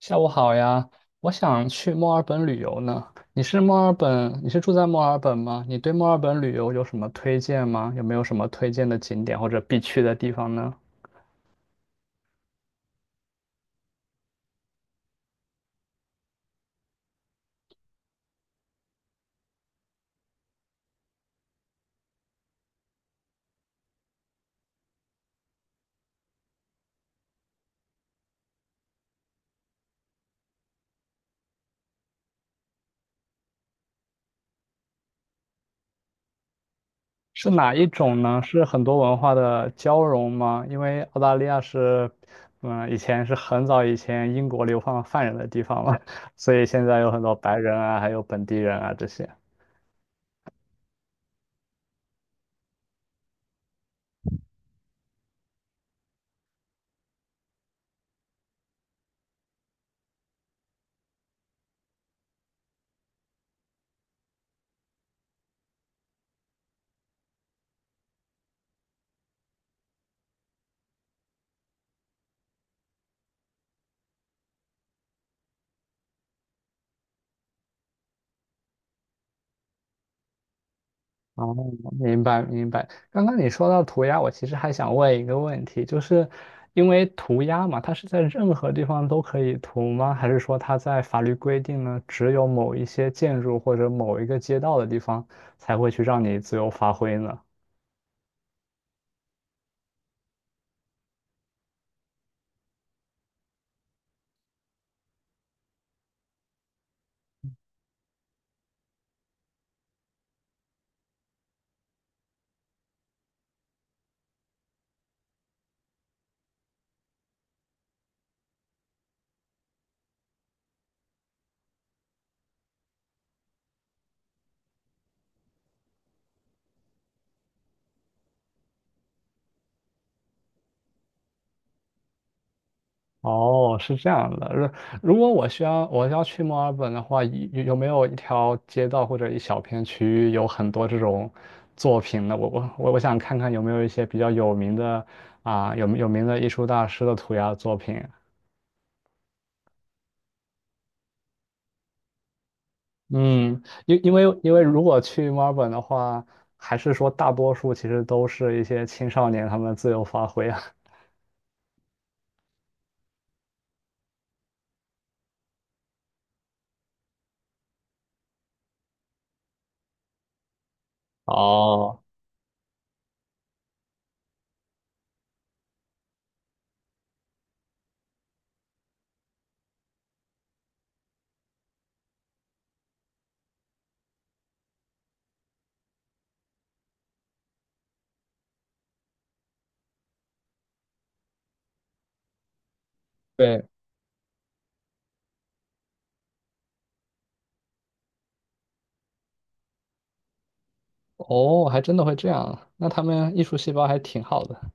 下午好呀，我想去墨尔本旅游呢。你是住在墨尔本吗？你对墨尔本旅游有什么推荐吗？有没有什么推荐的景点或者必去的地方呢？是哪一种呢？是很多文化的交融吗？因为澳大利亚是，嗯，以前是很早以前英国流放犯人的地方嘛，所以现在有很多白人啊，还有本地人啊这些。哦，明白明白。刚刚你说到涂鸦，我其实还想问一个问题，就是因为涂鸦嘛，它是在任何地方都可以涂吗？还是说它在法律规定呢，只有某一些建筑或者某一个街道的地方才会去让你自由发挥呢？哦，是这样的。如果我需要我要去墨尔本的话，有没有一条街道或者一小片区域有很多这种作品呢？我想看看有没有一些比较有名的啊，有名的艺术大师的涂鸦作品。嗯，因为如果去墨尔本的话，还是说大多数其实都是一些青少年他们自由发挥啊。哦，对，哦，还真的会这样，那他们艺术细胞还挺好的。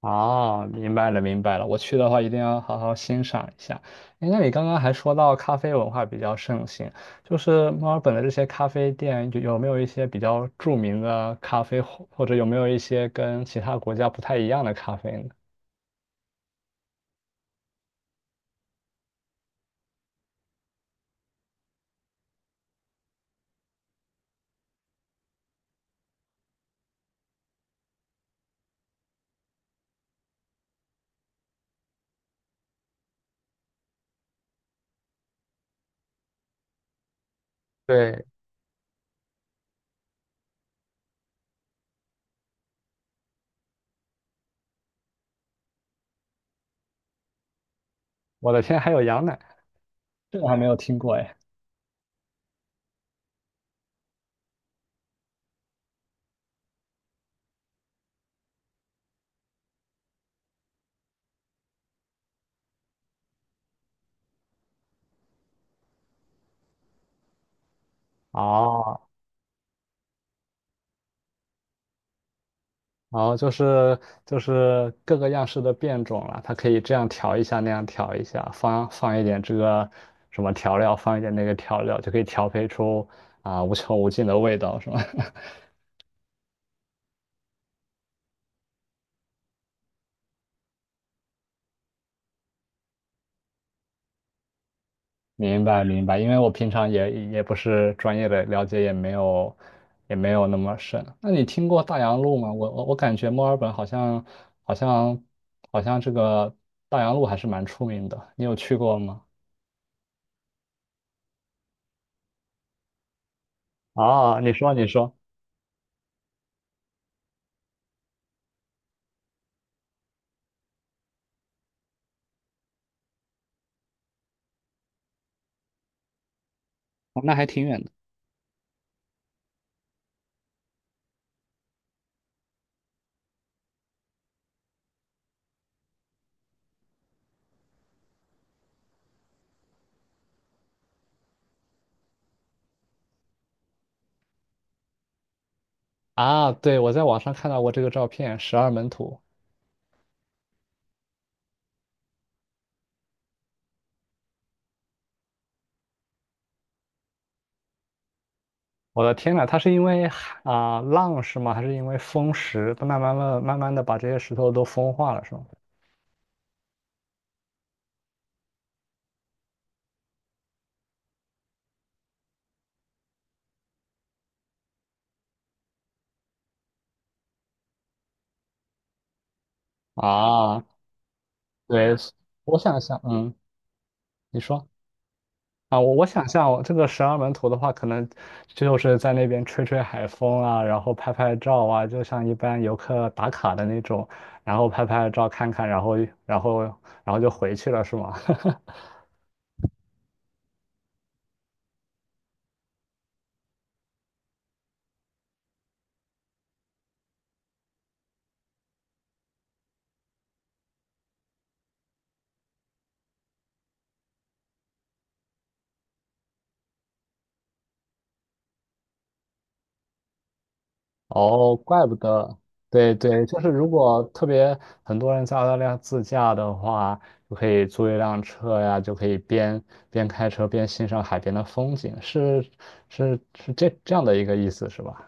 哦，明白了，明白了。我去的话，一定要好好欣赏一下。哎，那你刚刚还说到咖啡文化比较盛行，就是墨尔本的这些咖啡店，有没有一些比较著名的咖啡，或者有没有一些跟其他国家不太一样的咖啡呢？对，我的天，还有羊奶，这个还没有听过哎。哦，然后就是各个样式的变种了，它可以这样调一下，那样调一下，放一点这个什么调料，放一点那个调料，就可以调配出啊、无穷无尽的味道，是吧？明白明白，因为我平常也不是专业的，了解也没有那么深。那你听过大洋路吗？我感觉墨尔本好像好像好像这个大洋路还是蛮出名的，你有去过吗？啊，你说，哦那还挺远的。啊，对，我在网上看到过这个照片，十二门徒。我的天呐，它是因为海啊、浪是吗？还是因为风石，它慢慢的把这些石头都风化了，是吗？啊，对，我想象，嗯，你说啊，我想象，我这个十二门徒的话，可能就是在那边吹吹海风啊，然后拍拍照啊，就像一般游客打卡的那种，然后拍拍照看看，然后然后就回去了，是吗？哦，怪不得，对对，就是如果特别很多人在澳大利亚自驾的话，就可以租一辆车呀，就可以边开车边欣赏海边的风景，是这样的一个意思是吧？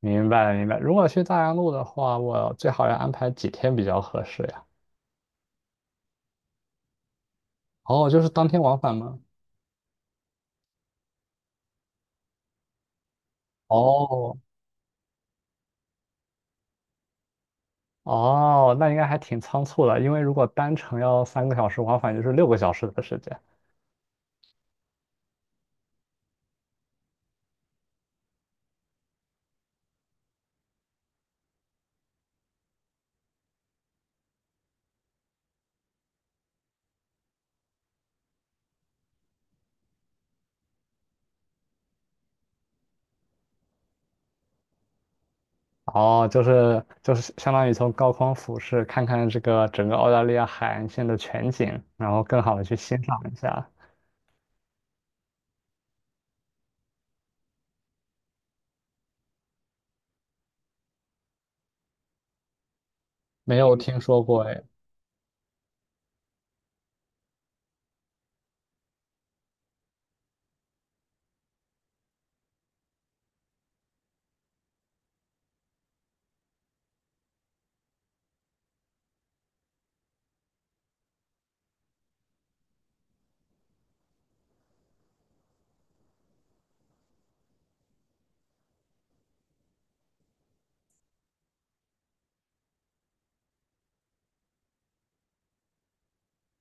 明白了明白了。如果去大洋路的话，我最好要安排几天比较合适呀？哦，就是当天往返吗？哦哦，那应该还挺仓促的，因为如果单程要3个小时，往返就是6个小时的时间。哦，就是相当于从高空俯视，看看这个整个澳大利亚海岸线的全景，然后更好的去欣赏一下。没有听说过哎。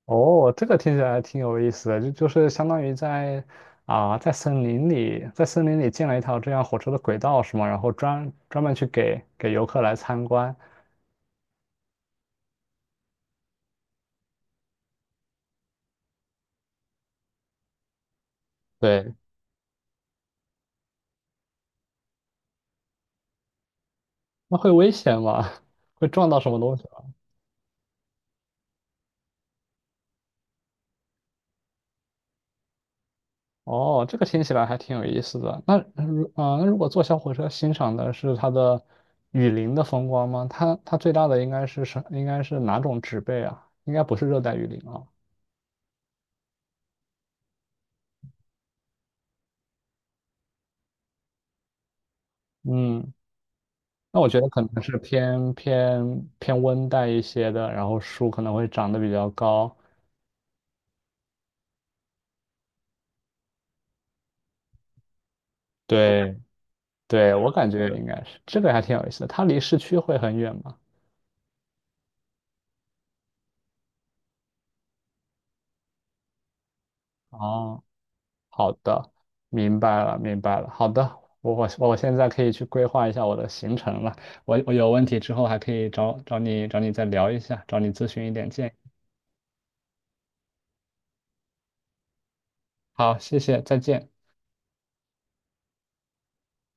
哦，这个听起来挺有意思的，就是相当于在啊、在森林里，在森林里建了一条这样火车的轨道是吗？然后专门去给游客来参观。对，那会危险吗？会撞到什么东西？哦，这个听起来还挺有意思的。那那如果坐小火车欣赏的是它的雨林的风光吗？它最大的应该是什？应该是哪种植被啊？应该不是热带雨林啊。嗯，那我觉得可能是偏温带一些的，然后树可能会长得比较高。对对，我感觉应该是这个还挺有意思的。它离市区会很远吗？哦好的，明白了，明白了。好的，我现在可以去规划一下我的行程了。我有问题之后还可以找你再聊一下，找你咨询一点建议。好，谢谢，再见。